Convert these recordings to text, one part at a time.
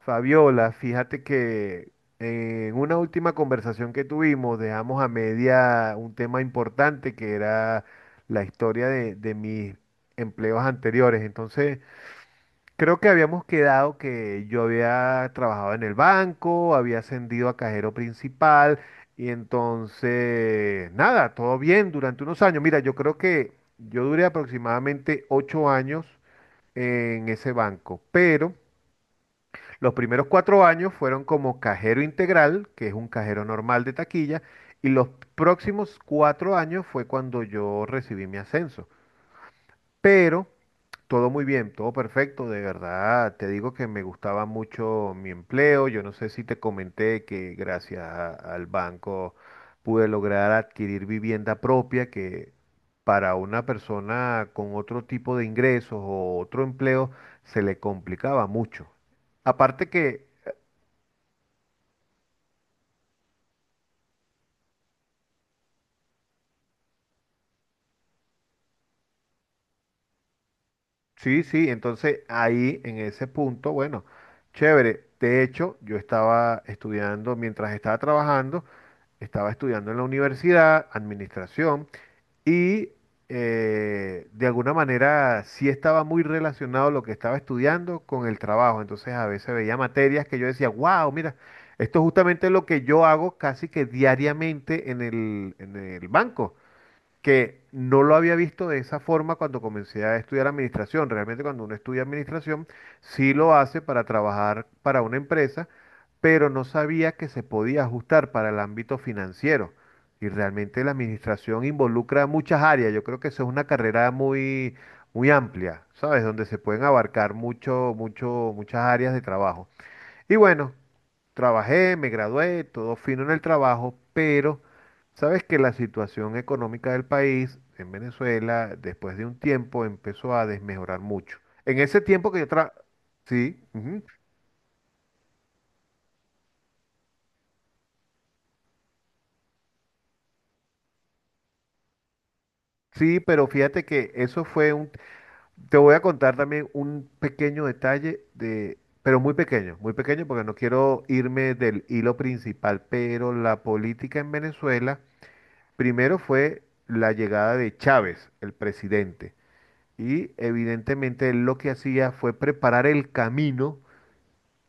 Fabiola, fíjate que en una última conversación que tuvimos dejamos a media un tema importante que era la historia de mis empleos anteriores. Entonces, creo que habíamos quedado que yo había trabajado en el banco, había ascendido a cajero principal y entonces, nada, todo bien durante unos años. Mira, yo creo que yo duré aproximadamente 8 años en ese banco, pero... Los primeros 4 años fueron como cajero integral, que es un cajero normal de taquilla, y los próximos 4 años fue cuando yo recibí mi ascenso. Pero todo muy bien, todo perfecto, de verdad. Te digo que me gustaba mucho mi empleo. Yo no sé si te comenté que gracias al banco pude lograr adquirir vivienda propia, que para una persona con otro tipo de ingresos o otro empleo se le complicaba mucho. Aparte que. Sí, sí, entonces ahí en ese punto, bueno, chévere. De hecho, yo estaba estudiando, mientras estaba trabajando, estaba estudiando en la universidad, administración, y de alguna manera sí estaba muy relacionado lo que estaba estudiando con el trabajo. Entonces a veces veía materias que yo decía, wow, mira, esto es justamente lo que yo hago casi que diariamente en el banco que no lo había visto de esa forma cuando comencé a estudiar administración. Realmente cuando uno estudia administración, sí lo hace para trabajar para una empresa, pero no sabía que se podía ajustar para el ámbito financiero. Y realmente la administración involucra muchas áreas. Yo creo que eso es una carrera muy, muy amplia, ¿sabes? Donde se pueden abarcar mucho, mucho, muchas áreas de trabajo. Y bueno, trabajé, me gradué, todo fino en el trabajo, pero sabes que la situación económica del país en Venezuela, después de un tiempo, empezó a desmejorar mucho. En ese tiempo que yo tra... Sí, ujú, sí, pero fíjate que eso fue un... Te voy a contar también un pequeño detalle de... Pero muy pequeño porque no quiero irme del hilo principal, pero la política en Venezuela, primero fue la llegada de Chávez, el presidente. Y evidentemente él lo que hacía fue preparar el camino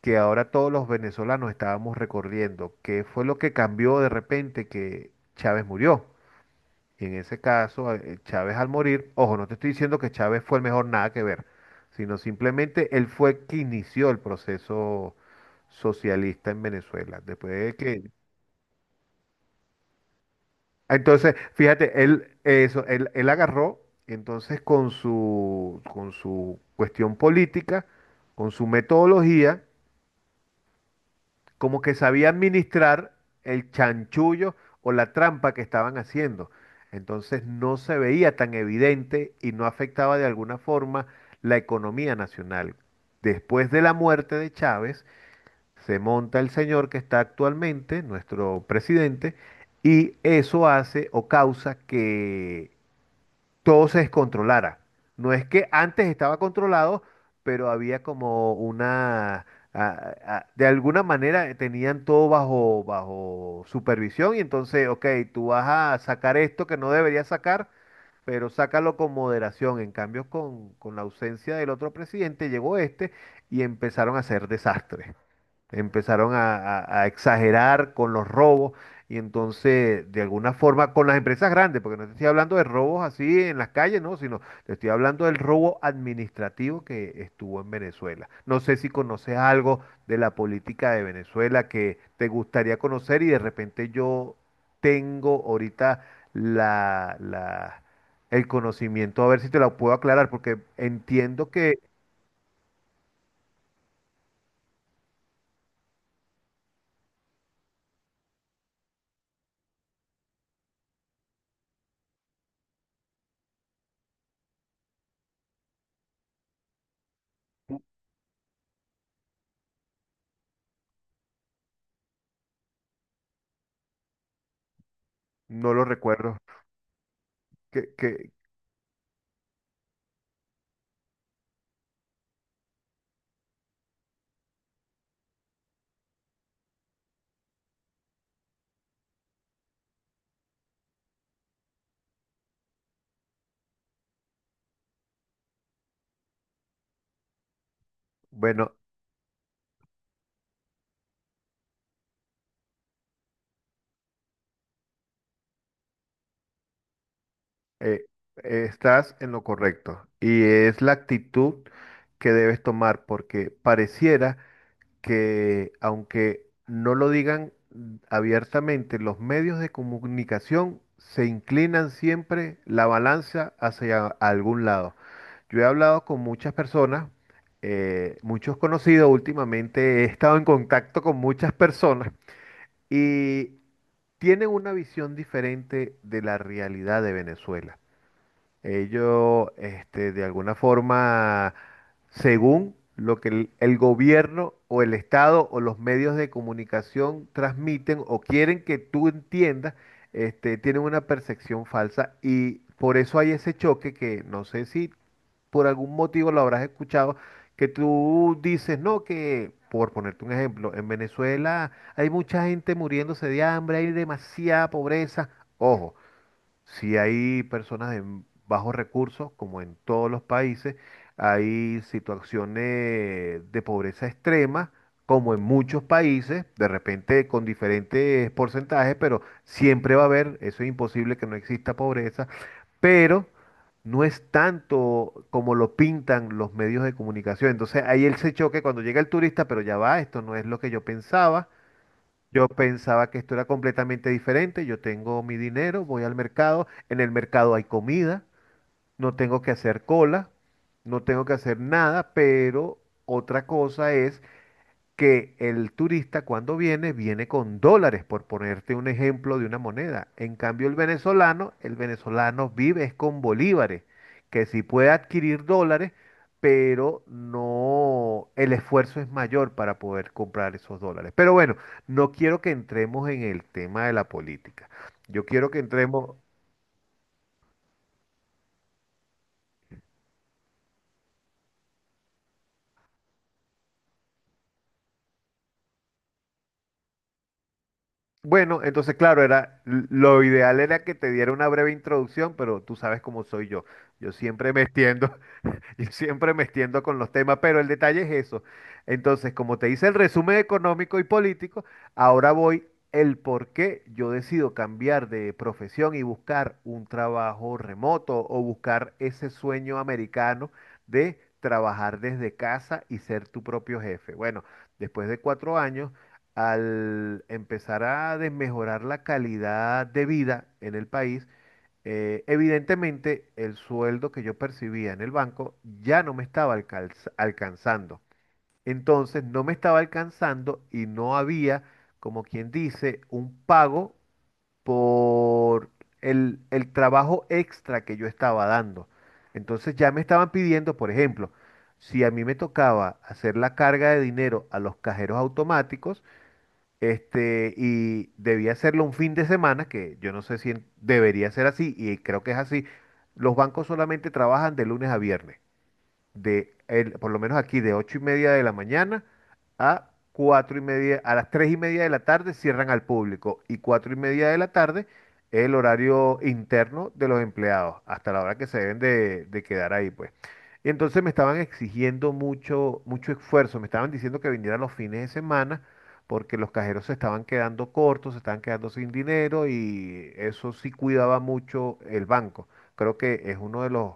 que ahora todos los venezolanos estábamos recorriendo. ¿Qué fue lo que cambió de repente que Chávez murió? Y en ese caso, Chávez al morir, ojo, no te estoy diciendo que Chávez fue el mejor, nada que ver, sino simplemente él fue que inició el proceso socialista en Venezuela. Después de que. Entonces, fíjate, él, eso, él agarró, entonces con su cuestión política, con su metodología, como que sabía administrar el chanchullo o la trampa que estaban haciendo. Entonces no se veía tan evidente y no afectaba de alguna forma la economía nacional. Después de la muerte de Chávez, se monta el señor que está actualmente, nuestro presidente, y eso hace o causa que todo se descontrolara. No es que antes estaba controlado, pero había como una. De alguna manera tenían todo bajo supervisión y entonces, ok, tú vas a sacar esto que no deberías sacar, pero sácalo con moderación. En cambio, con la ausencia del otro presidente, llegó este y empezaron a hacer desastres. Empezaron a exagerar con los robos y entonces, de alguna forma, con las empresas grandes, porque no te estoy hablando de robos así en las calles, no, sino te estoy hablando del robo administrativo que estuvo en Venezuela. No sé si conoces algo de la política de Venezuela que te gustaría conocer y de repente yo tengo ahorita la, la- el conocimiento, a ver si te lo puedo aclarar, porque entiendo que no lo recuerdo. Que, que, bueno, Eh, estás en lo correcto y es la actitud que debes tomar porque pareciera que aunque no lo digan abiertamente, los medios de comunicación se inclinan siempre la balanza hacia algún lado. Yo he hablado con muchas personas, muchos conocidos últimamente, he estado en contacto con muchas personas y tienen una visión diferente de la realidad de Venezuela. Ellos, este, de alguna forma, según lo que el gobierno o el Estado o los medios de comunicación transmiten o quieren que tú entiendas, este, tienen una percepción falsa y por eso hay ese choque que no sé si por algún motivo lo habrás escuchado, que tú dices, no, que, por ponerte un ejemplo, en Venezuela hay mucha gente muriéndose de hambre, hay demasiada pobreza. Ojo. Si hay personas en bajos recursos, como en todos los países, hay situaciones de pobreza extrema, como en muchos países, de repente con diferentes porcentajes, pero siempre va a haber, eso es imposible que no exista pobreza, pero no es tanto como lo pintan los medios de comunicación. Entonces ahí él se choque cuando llega el turista, pero ya va, esto no es lo que yo pensaba. Yo pensaba que esto era completamente diferente. Yo tengo mi dinero, voy al mercado, en el mercado hay comida, no tengo que hacer cola, no tengo que hacer nada, pero otra cosa es que el turista cuando viene, viene con dólares, por ponerte un ejemplo de una moneda. En cambio, el venezolano vive es con bolívares, que sí puede adquirir dólares, pero no, el esfuerzo es mayor para poder comprar esos dólares. Pero bueno, no quiero que entremos en el tema de la política. Yo quiero que entremos... Bueno, entonces claro, era lo ideal era que te diera una breve introducción, pero tú sabes cómo soy yo. Yo siempre me extiendo, Yo siempre me extiendo con los temas, pero el detalle es eso. Entonces, como te hice el resumen económico y político, ahora voy el por qué yo decido cambiar de profesión y buscar un trabajo remoto o buscar ese sueño americano de trabajar desde casa y ser tu propio jefe. Bueno, después de 4 años, al empezar a desmejorar la calidad de vida en el país, evidentemente, el sueldo que yo percibía en el banco ya no me estaba alcanzando. Entonces, no me estaba alcanzando y no había, como quien dice, un pago por el trabajo extra que yo estaba dando. Entonces, ya me estaban pidiendo, por ejemplo, si a mí me tocaba hacer la carga de dinero a los cajeros automáticos, este, y debía hacerlo un fin de semana, que yo no sé si debería ser así, y creo que es así. Los bancos solamente trabajan de lunes a viernes por lo menos aquí de 8:30 de la mañana a 4:30, a las 3:30 de la tarde cierran al público y 4:30 de la tarde es el horario interno de los empleados, hasta la hora que se deben de quedar ahí, pues. Y entonces me estaban exigiendo mucho, mucho esfuerzo, me estaban diciendo que viniera los fines de semana porque los cajeros se estaban quedando cortos, se estaban quedando sin dinero y eso sí cuidaba mucho el banco. Creo que es uno de los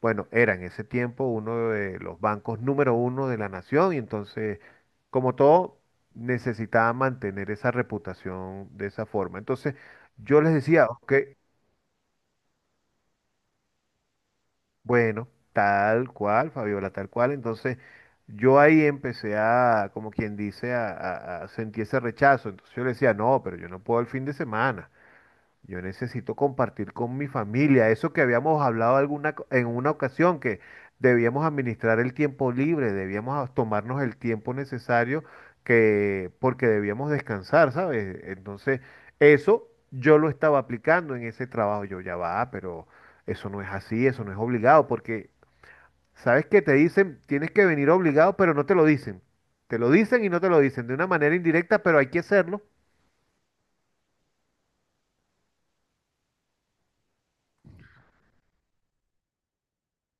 bueno, era en ese tiempo uno de los bancos número uno de la nación y entonces, como todo, necesitaba mantener esa reputación de esa forma. Entonces, yo les decía, ok, bueno, tal cual, Fabiola, tal cual. Entonces, yo ahí empecé a, como quien dice, a sentir ese rechazo. Entonces yo le decía, no, pero yo no puedo el fin de semana. Yo necesito compartir con mi familia, eso que habíamos hablado en una ocasión, que debíamos administrar el tiempo libre, debíamos tomarnos el tiempo necesario que, porque debíamos descansar, ¿sabes? Entonces, eso yo lo estaba aplicando en ese trabajo. Yo ya va, pero eso no es así, eso no es obligado, porque, ¿sabes qué? Te dicen, tienes que venir obligado, pero no te lo dicen. Te lo dicen y no te lo dicen de una manera indirecta, pero hay que hacerlo.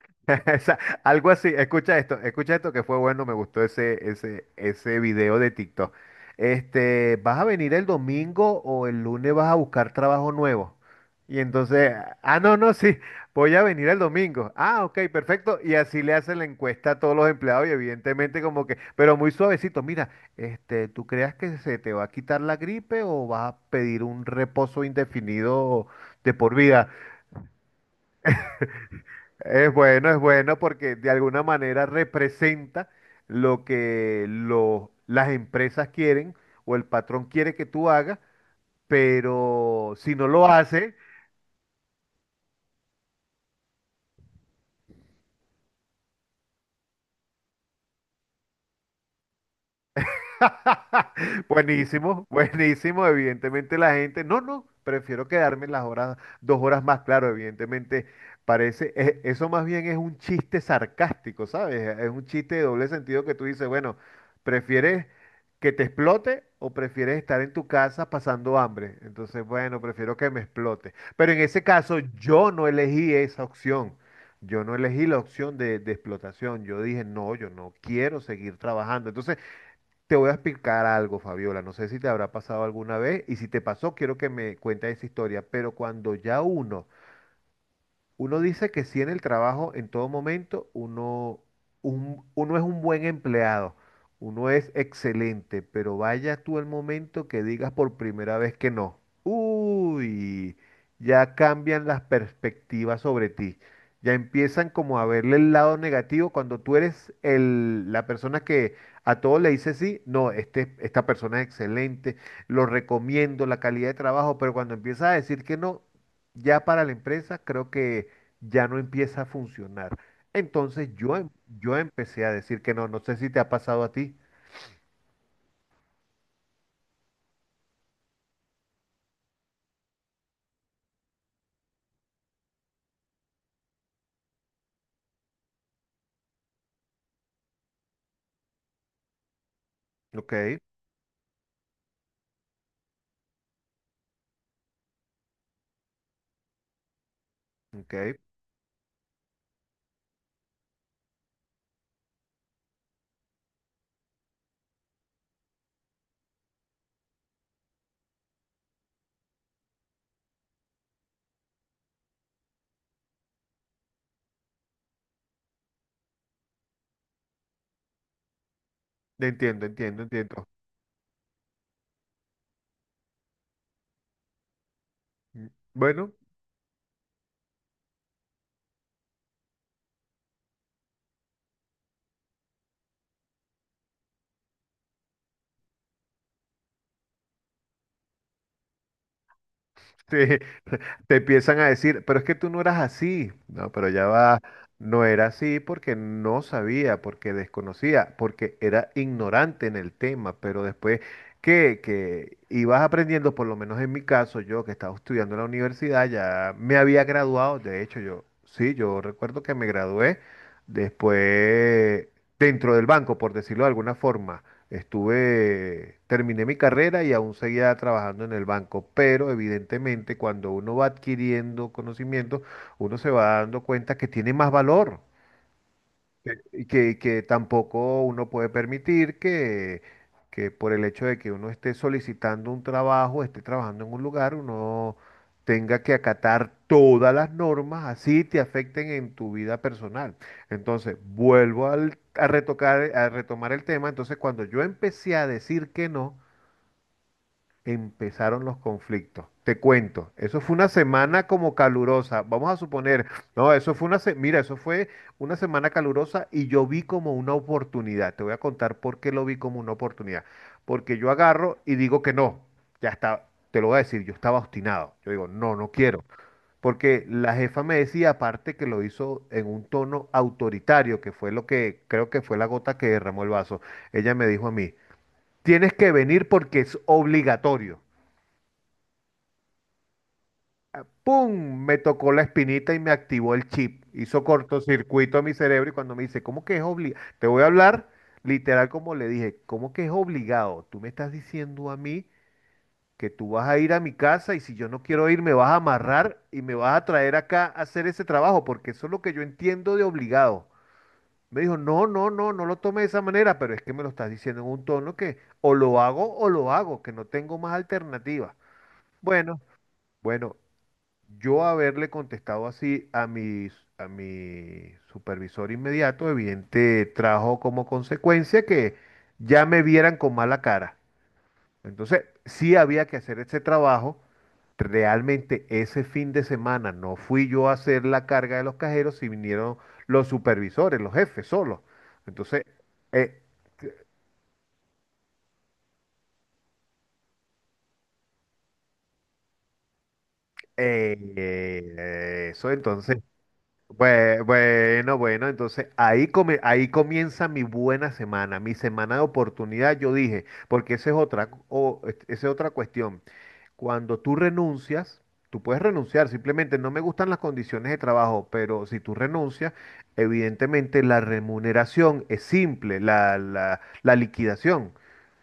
Esa- algo así, escucha esto que fue bueno, me gustó ese video de TikTok. Este, ¿vas a venir el domingo o el lunes vas a buscar trabajo nuevo? Y entonces, ah, no, no, sí, voy a venir el domingo. Ah, ok, perfecto. Y así le hacen la encuesta a todos los empleados y evidentemente como que, pero muy suavecito, mira, este, ¿tú creas que se te va a quitar la gripe o vas a pedir un reposo indefinido de por vida? Es bueno porque de alguna manera representa lo que las empresas quieren o el patrón quiere que tú hagas, pero si no lo haces, Buenísimo, buenísimo. Evidentemente la gente, no, no, prefiero quedarme las horas, 2 horas más, claro, evidentemente parece, eso más bien es un chiste sarcástico, ¿sabes? Es un chiste de doble sentido que tú dices, bueno, ¿prefieres que te explote o prefieres estar en tu casa pasando hambre? Entonces, bueno, prefiero que me explote. Pero en ese caso, yo no elegí esa opción. Yo no elegí la opción de explotación. Yo dije, no, yo no quiero seguir trabajando. Entonces, te voy a explicar algo, Fabiola. No sé si te habrá pasado alguna vez y si te pasó, quiero que me cuentes esa historia. Pero cuando ya uno dice que sí en el trabajo, en todo momento, uno, uno es un buen empleado, uno es excelente, pero vaya tú el momento que digas por primera vez que no. Uy, ya cambian las perspectivas sobre ti. Ya empiezan como a verle el lado negativo cuando tú eres el, la persona que a todos le dice sí, no, este, esta persona es excelente, lo recomiendo, la calidad de trabajo, pero cuando empiezas a decir que no, ya para la empresa creo que ya no empieza a funcionar. Entonces yo, yo empecé a decir que no, no sé si te ha pasado a ti. Ok, ok, entiendo, entiendo, entiendo. Mm. Bueno, sí, te empiezan a decir, pero es que tú no eras así. No, pero ya va, no era así porque no sabía, porque desconocía, porque era ignorante en el tema, pero después que ibas aprendiendo, por lo menos en mi caso, yo que estaba estudiando en la universidad, ya me había graduado, de hecho yo, sí, yo recuerdo que me gradué después dentro del banco, por decirlo de alguna forma. Estuve, terminé mi carrera y aún seguía trabajando en el banco, pero evidentemente cuando uno va adquiriendo conocimiento, uno se va dando cuenta que tiene más valor. Y que tampoco uno puede permitir que por el hecho de que uno esté solicitando un trabajo, esté trabajando en un lugar, uno tenga que acatar todas las normas, así te afecten en tu vida personal. Entonces, vuelvo a retomar el tema. Entonces, cuando yo empecé a decir que no, empezaron los conflictos. Te cuento, eso fue una semana como calurosa. Vamos a suponer, no, eso fue eso fue una semana calurosa y yo vi como una oportunidad. Te voy a contar por qué lo vi como una oportunidad. Porque yo agarro y digo que no. Ya está, te lo voy a decir, yo estaba obstinado. Yo digo, no, no quiero. Porque la jefa me decía, aparte que lo hizo en un tono autoritario, que fue lo que creo que fue la gota que derramó el vaso. Ella me dijo a mí, tienes que venir porque es obligatorio. ¡Pum! Me tocó la espinita y me activó el chip. Hizo cortocircuito a mi cerebro y cuando me dice, ¿cómo que es obligado? Te voy a hablar literal como le dije, ¿cómo que es obligado? Tú me estás diciendo a mí que tú vas a ir a mi casa y si yo no quiero ir me vas a amarrar y me vas a traer acá a hacer ese trabajo porque eso es lo que yo entiendo de obligado. Me dijo, no, no, no, no lo tome de esa manera, pero es que me lo estás diciendo en un tono que o lo hago, que no tengo más alternativa. Bueno, bueno, yo haberle contestado así a mi supervisor inmediato, evidente, trajo como consecuencia que ya me vieran con mala cara. Entonces, sí había que hacer ese trabajo. Realmente ese fin de semana no fui yo a hacer la carga de los cajeros, si vinieron los supervisores, los jefes solos. Entonces, eh, eso entonces Bueno, entonces ahí, ahí comienza mi buena semana, mi semana de oportunidad, yo dije, porque esa es otra, esa es otra cuestión. Cuando tú renuncias, tú puedes renunciar, simplemente no me gustan las condiciones de trabajo, pero si tú renuncias, evidentemente la remuneración es simple, la liquidación.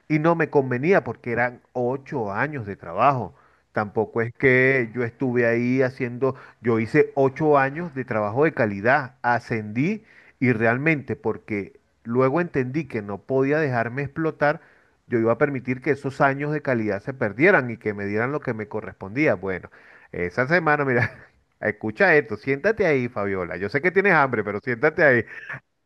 Y no me convenía porque eran 8 años de trabajo. Tampoco es que yo estuve ahí haciendo, yo hice 8 años de trabajo de calidad, ascendí y realmente porque luego entendí que no podía dejarme explotar, yo iba a permitir que esos años de calidad se perdieran y que me dieran lo que me correspondía. Bueno, esa semana, mira, escucha esto, siéntate ahí, Fabiola. Yo sé que tienes hambre, pero siéntate ahí.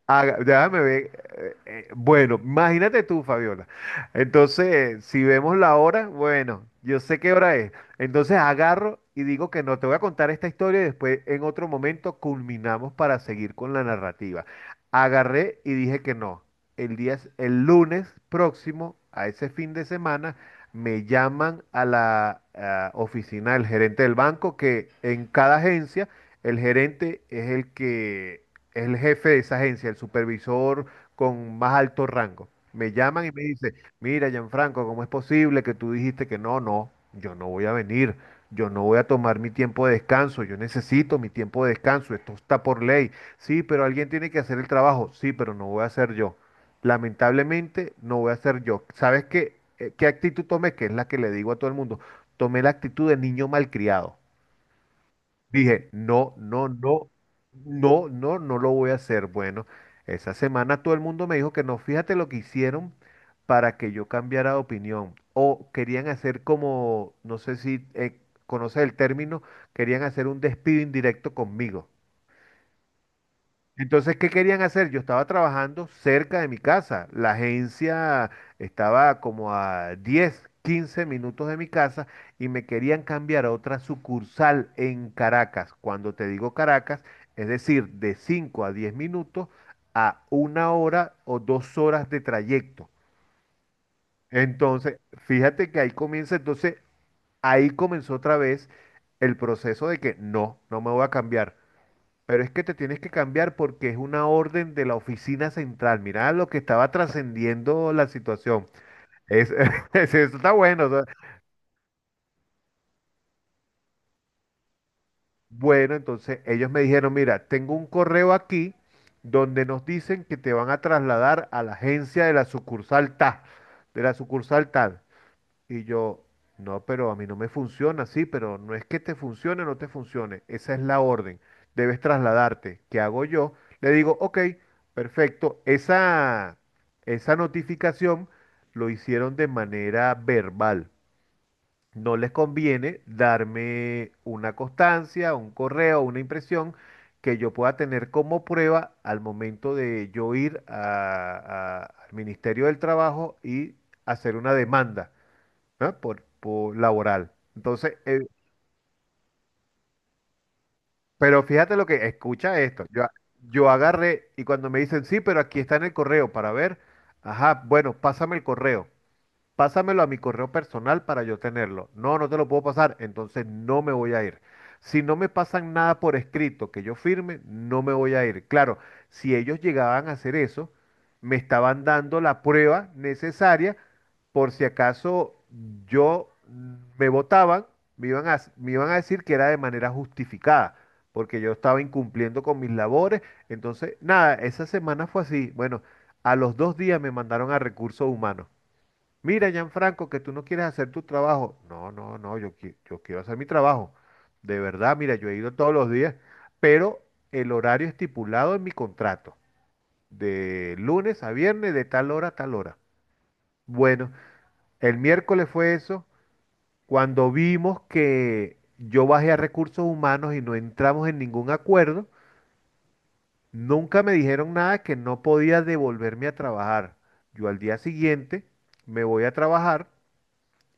Déjame ver. Bueno, imagínate tú, Fabiola. Entonces, si vemos la hora, bueno, yo sé qué hora es. Entonces agarro y digo que no, te voy a contar esta historia y después en otro momento culminamos para seguir con la narrativa. Agarré y dije que no. El día, el lunes próximo, a ese fin de semana, me llaman a la oficina del gerente del banco, que en cada agencia el gerente es el que el jefe de esa agencia, el supervisor con más alto rango. Me llaman y me dice, mira, Gianfranco, ¿cómo es posible que tú dijiste que no, no, yo no voy a venir, yo no voy a tomar mi tiempo de descanso, yo necesito mi tiempo de descanso, esto está por ley. Sí, pero alguien tiene que hacer el trabajo, sí, pero no voy a ser yo. Lamentablemente no voy a ser yo. ¿Sabes qué, qué actitud tomé? Que es la que le digo a todo el mundo. Tomé la actitud de niño malcriado. Dije, no, no, no, no, no, no lo voy a hacer. Bueno, esa semana todo el mundo me dijo que no, fíjate lo que hicieron para que yo cambiara de opinión. O querían hacer como, no sé si conoces el término, querían hacer un despido indirecto conmigo. Entonces, ¿qué querían hacer? Yo estaba trabajando cerca de mi casa. La agencia estaba como a 10, 15 minutos de mi casa y me querían cambiar a otra sucursal en Caracas. Cuando te digo Caracas, es decir, de 5 a 10 minutos a una hora o 2 horas de trayecto. Entonces, fíjate que ahí comienza, entonces ahí comenzó otra vez el proceso de que no, no me voy a cambiar. Pero es que te tienes que cambiar porque es una orden de la oficina central. Mirá lo que estaba trascendiendo la situación. Es, eso está bueno. O sea, bueno, entonces ellos me dijeron, mira, tengo un correo aquí donde nos dicen que te van a trasladar a la agencia de la sucursal tal, de la sucursal tal. Y yo, no, pero a mí no me funciona, sí, pero no es que te funcione o no te funcione, esa es la orden, debes trasladarte. ¿Qué hago yo? Le digo, ok, perfecto, esa notificación lo hicieron de manera verbal. No les conviene darme una constancia, un correo, una impresión que yo pueda tener como prueba al momento de yo ir al Ministerio del Trabajo y hacer una demanda. ¿No? Por laboral. Entonces, pero fíjate lo que, escucha esto. Yo agarré y cuando me dicen, sí, pero aquí está en el correo para ver, ajá, bueno, pásame el correo. Pásamelo a mi correo personal para yo tenerlo. No, no te lo puedo pasar, entonces no me voy a ir. Si no me pasan nada por escrito que yo firme, no me voy a ir. Claro, si ellos llegaban a hacer eso, me estaban dando la prueba necesaria por si acaso yo me votaban, me iban a decir que era de manera justificada, porque yo estaba incumpliendo con mis labores. Entonces, nada, esa semana fue así. Bueno, a los 2 días me mandaron a recursos humanos. Mira, Gianfranco, que tú no quieres hacer tu trabajo. No, no, no, yo, yo quiero hacer mi trabajo. De verdad, mira, yo he ido todos los días, pero el horario estipulado en mi contrato, de lunes a viernes, de tal hora a tal hora. Bueno, el miércoles fue eso, cuando vimos que yo bajé a recursos humanos y no entramos en ningún acuerdo, nunca me dijeron nada que no podía devolverme a trabajar. Yo al día siguiente me voy a trabajar.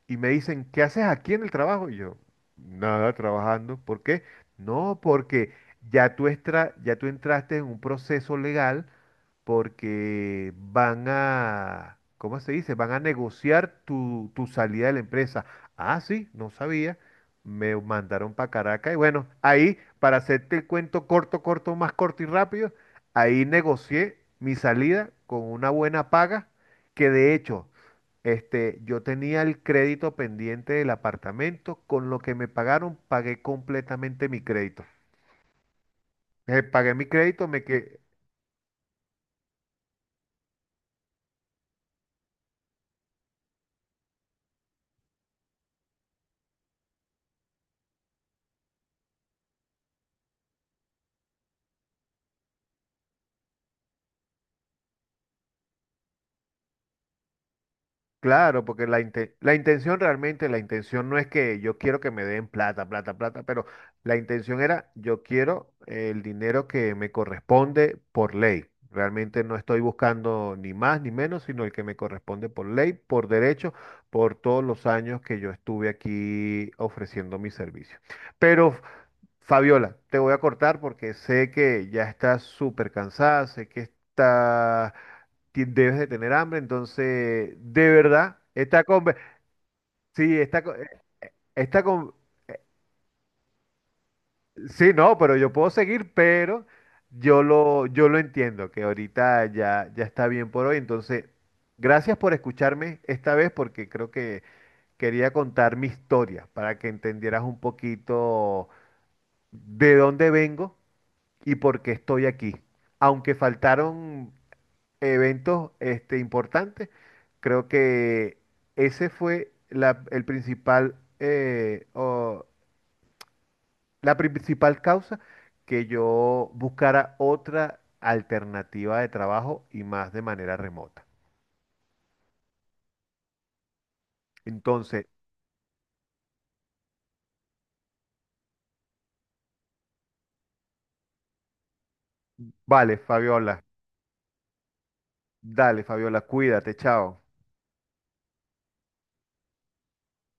Y me dicen, ¿qué haces aquí en el trabajo? Y yo, nada, trabajando. ¿Por qué? No, porque ya tú, ya tú entraste en un proceso legal porque van a, ¿cómo se dice? Van a negociar tu, tu salida de la empresa. Ah, sí, no sabía. Me mandaron para Caracas y bueno, ahí, para hacerte el cuento corto, corto, más corto y rápido, ahí negocié mi salida con una buena paga, que de hecho, este, yo tenía el crédito pendiente del apartamento, con lo que me pagaron, pagué completamente mi crédito. Pagué mi crédito, me quedé, claro, porque la intención realmente, la intención no es que yo quiero que me den plata, plata, plata, pero la intención era yo quiero el dinero que me corresponde por ley. Realmente no estoy buscando ni más ni menos, sino el que me corresponde por ley, por derecho, por todos los años que yo estuve aquí ofreciendo mi servicio. Pero Fabiola, te voy a cortar porque sé que ya estás súper cansada, sé que debes de tener hambre, entonces, de verdad, sí, esta con- sí, no, pero yo puedo seguir, pero yo lo entiendo, que ahorita ya está bien por hoy, entonces, gracias por escucharme esta vez porque creo que quería contar mi historia para que entendieras un poquito de dónde vengo y por qué estoy aquí. Aunque faltaron eventos importantes, creo que ese fue el principal, o la principal causa que yo buscara otra alternativa de trabajo y más de manera remota. Entonces, vale, Fabiola, dale, Fabiola, cuídate, chao.